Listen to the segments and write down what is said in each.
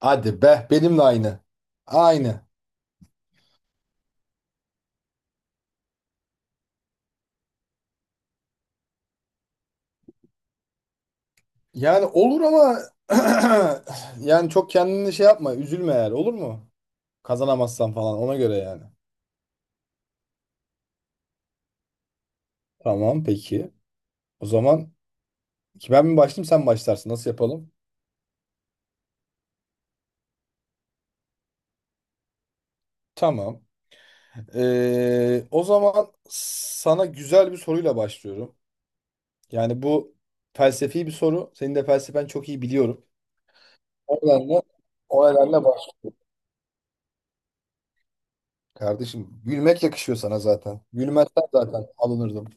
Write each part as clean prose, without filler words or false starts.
Hadi be benimle aynı. Aynı. Yani olur ama yani çok kendini şey yapma üzülme yani olur mu? Kazanamazsan falan ona göre yani. Tamam peki. O zaman ki ben mi başlayayım sen mi başlarsın nasıl yapalım? Tamam. O zaman sana güzel bir soruyla başlıyorum. Yani bu felsefi bir soru. Senin de felsefen çok iyi biliyorum. O nedenle, o nedenle baş. Kardeşim gülmek yakışıyor sana zaten. Gülmezsen zaten alınırdım.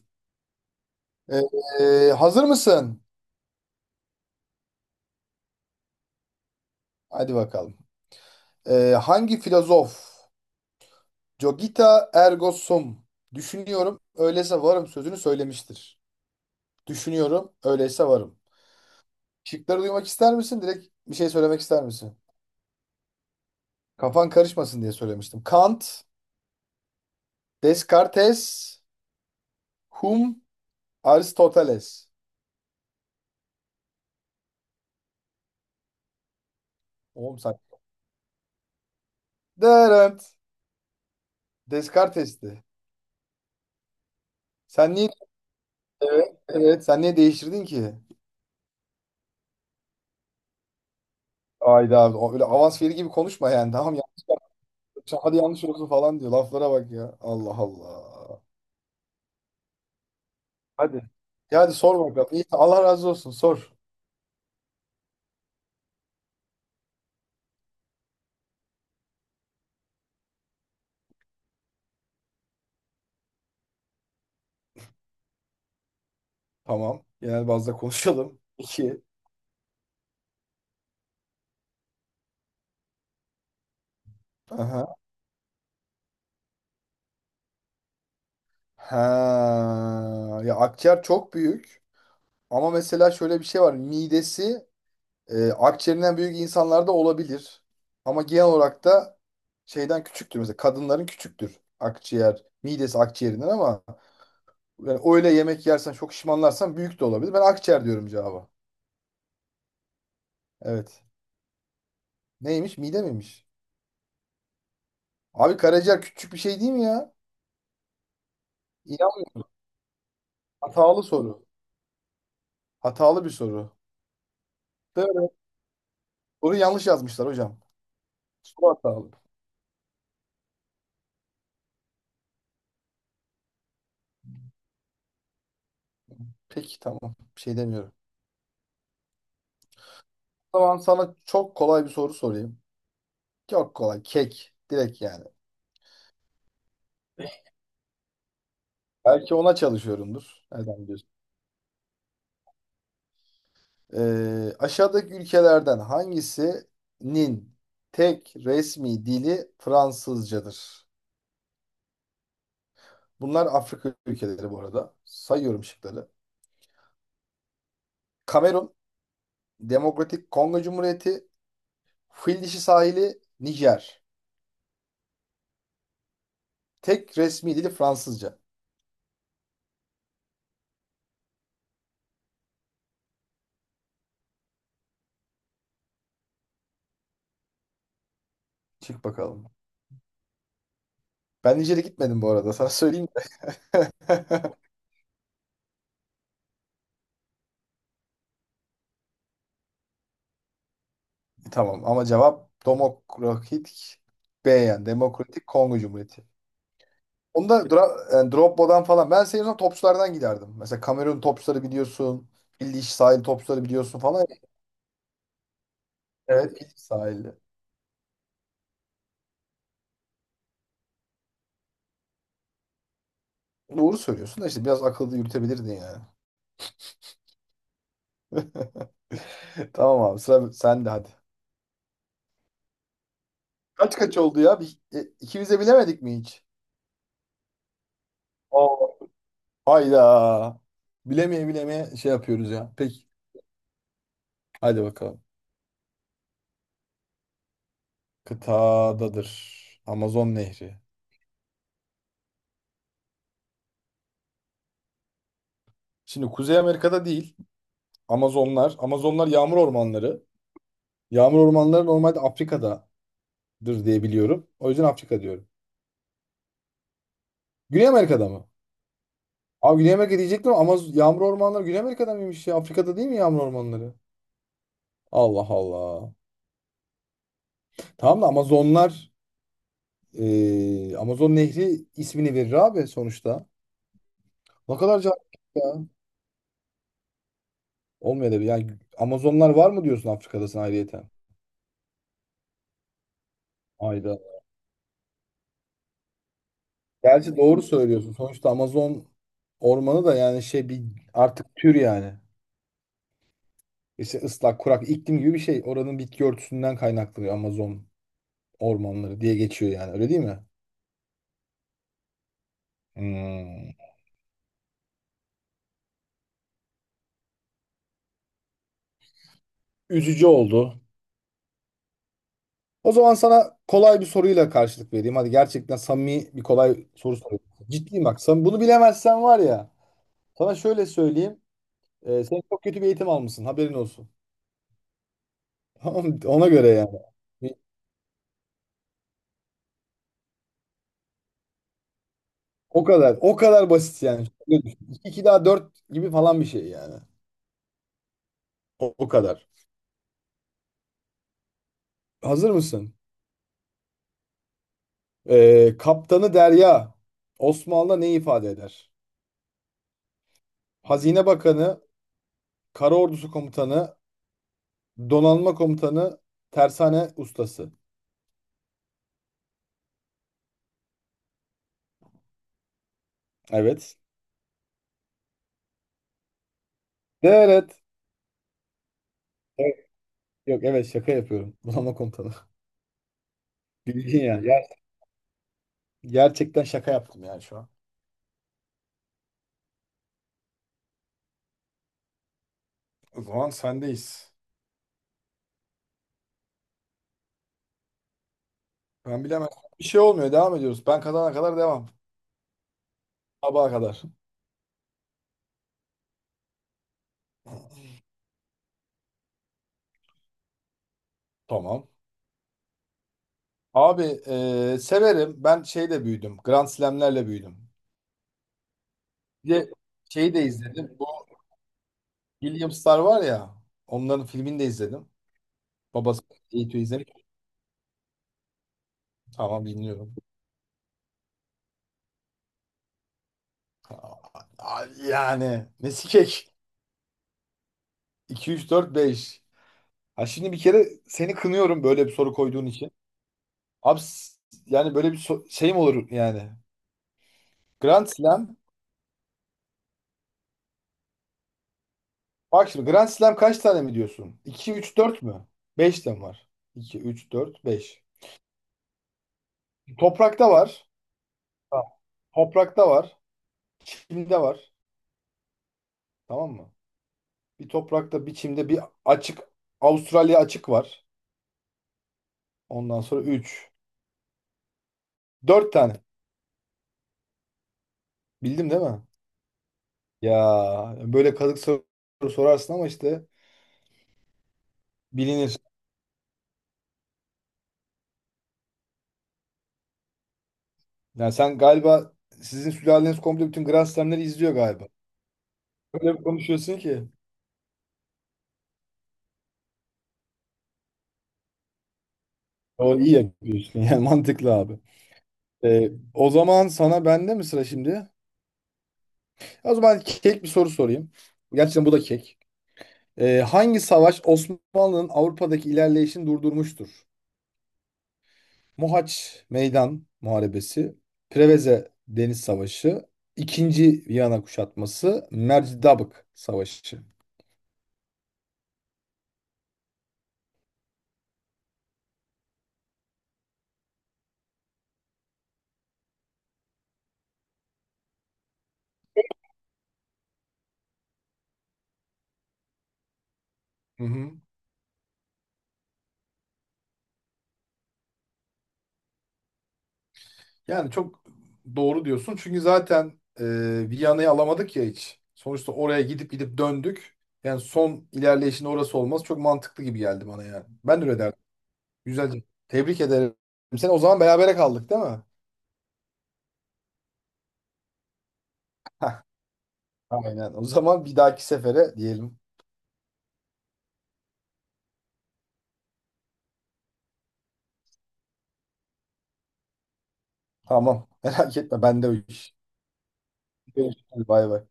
Ee, hazır mısın? Hadi bakalım. Hangi filozof Cogita ergo sum düşünüyorum öyleyse varım sözünü söylemiştir. Düşünüyorum öyleyse varım. Şıkları duymak ister misin? Direkt bir şey söylemek ister misin? Kafan karışmasın diye söylemiştim. Kant, Descartes, Hume, Aristoteles. Oğlum sen. Dırınt. Descartes'ti. Sen niye Evet. Evet, sen niye değiştirdin ki? Ayda abi, o öyle avans veri gibi konuşma yani tamam ya. İşte hadi yanlış olsun falan diyor. Laflara bak ya. Allah Allah. Hadi. Ya hadi sor bakalım. İyi, tamam. Allah razı olsun. Sor. Tamam. Genel bazda konuşalım. İki. Aha. Ha. Ya akciğer çok büyük. Ama mesela şöyle bir şey var. Midesi akciğerinden büyük insanlarda olabilir. Ama genel olarak da şeyden küçüktür. Mesela kadınların küçüktür akciğer. Midesi akciğerinden ama yani öyle yemek yersen çok şişmanlarsan büyük de olabilir. Ben akciğer diyorum cevaba. Evet. Neymiş? Mide miymiş? Abi karaciğer küçük bir şey değil mi ya? İnanmıyorum. Hatalı soru. Hatalı bir soru. Doğru. Soruyu yanlış yazmışlar hocam. Soru hatalı. Peki tamam. Bir şey demiyorum. O zaman sana çok kolay bir soru sorayım. Çok kolay. Kek. Direkt yani. Belki ona çalışıyorumdur. Nereden biliyorsun? Aşağıdaki ülkelerden hangisinin tek resmi dili Fransızcadır? Bunlar Afrika ülkeleri bu arada. Sayıyorum şıkları. Kamerun, Demokratik Kongo Cumhuriyeti, Fil Dişi Sahili, Nijer. Tek resmi dili Fransızca. Çık bakalım. Ben Nijer'e gitmedim bu arada. Sana söyleyeyim de. Tamam ama cevap Demokratik B yani Demokratik Kongo Cumhuriyeti. Onda yani Drogba'dan falan. Ben senin olsam topçulardan giderdim. Mesela Kamerun topçuları biliyorsun. Fil Dişi Sahili topçuları biliyorsun falan. Evet, Fil Dişi Sahili. Doğru söylüyorsun da işte biraz akıllı yürütebilirdin yani. Tamam abi sıra sen de hadi. Kaç kaç oldu ya? İkimiz de bilemedik mi hiç? Oo. Hayda. Bilemeye bilemeye şey yapıyoruz ya. Peki. Hadi bakalım. Kıtadadır. Amazon Nehri. Şimdi Kuzey Amerika'da değil. Amazonlar. Amazonlar yağmur ormanları. Yağmur ormanları normalde Afrika'dadır diye biliyorum. O yüzden Afrika diyorum. Güney Amerika'da mı? Abi Güney Amerika diyecektim ama yağmur ormanları Güney Amerika'da mıymış ya? Afrika'da değil mi yağmur ormanları? Allah Allah. Tamam da Amazonlar Amazon Nehri ismini verir abi sonuçta. Ne kadar cahil. Olmuyor da yani Amazonlar var mı diyorsun Afrika'dasın ayrıyeten? Ayda. Gerçi doğru söylüyorsun. Sonuçta Amazon ormanı da yani şey bir artık tür yani. İşte ıslak, kurak iklim gibi bir şey. Oranın bitki örtüsünden kaynaklanıyor Amazon ormanları diye geçiyor yani. Öyle değil mi? Hmm. Üzücü oldu. O zaman sana kolay bir soruyla karşılık vereyim. Hadi gerçekten samimi bir kolay soru sorayım. Ciddiyim bak. Sen bunu bilemezsen var ya. Sana şöyle söyleyeyim. Sen çok kötü bir eğitim almışsın. Haberin olsun. Tamam, ona göre yani. O kadar. O kadar basit yani. İki daha 4 gibi falan bir şey yani. O kadar. Hazır mısın? Kaptanı Derya Osmanlı'da ne ifade eder? Hazine Bakanı, Kara Ordusu Komutanı, Donanma Komutanı, Tersane Ustası. Evet. Evet. Evet. Yok evet şaka yapıyorum. Donanma Komutanı. Bildin ya. Gerçekten şaka yaptım yani şu an. O zaman sendeyiz. Ben bilemem. Bir şey olmuyor. Devam ediyoruz. Ben kazana kadar devam. Sabaha kadar. Tamam. Abi severim. Ben şeyle büyüdüm. Grand Slam'lerle büyüdüm. Bir de şeyi de izledim. Bu Williams'lar var ya. Onların filmini de izledim. Babası Eğitim'i izlemiş. Tamam dinliyorum. Aa, yani nesi kek? 2, 3, 4, 5. Ha şimdi bir kere seni kınıyorum böyle bir soru koyduğun için. Abi yani böyle bir şey mi olur yani? Grand Slam. Bak şimdi Grand Slam kaç tane mi diyorsun? 2, 3, 4 mü? 5 de mi var? 2, 3, 4, 5. Toprakta var. Ha. Toprakta var. Çimde var. Tamam mı? Bir toprakta, bir çimde, bir açık. Avustralya açık var. Ondan sonra 3, 4 tane. Bildim değil mi? Ya böyle kazık soru sorarsın ama işte bilinir. Yani sen galiba sizin sülaleniz komple bütün Grand Slam'leri izliyor galiba. Öyle bir konuşuyorsun ki. O iyi yapıyorsun. Yani mantıklı abi. O zaman sana bende mi sıra şimdi? O zaman kek bir soru sorayım. Gerçekten bu da kek. Hangi savaş Osmanlı'nın Avrupa'daki ilerleyişini durdurmuştur? Mohaç Meydan Muharebesi, Preveze Deniz Savaşı, İkinci Viyana Kuşatması, Mercidabık Savaşı. Hı hı. Yani çok doğru diyorsun. Çünkü zaten Viyana'yı alamadık ya hiç. Sonuçta oraya gidip gidip döndük. Yani son ilerleyişin orası olması çok mantıklı gibi geldi bana yani. Ben de öyle derdim. Güzelce. Tebrik ederim. Sen o zaman berabere kaldık değil mi? Aynen. O zaman bir dahaki sefere diyelim. Tamam. Merak etme. Ben de o iş. Görüşürüz. Bay bay.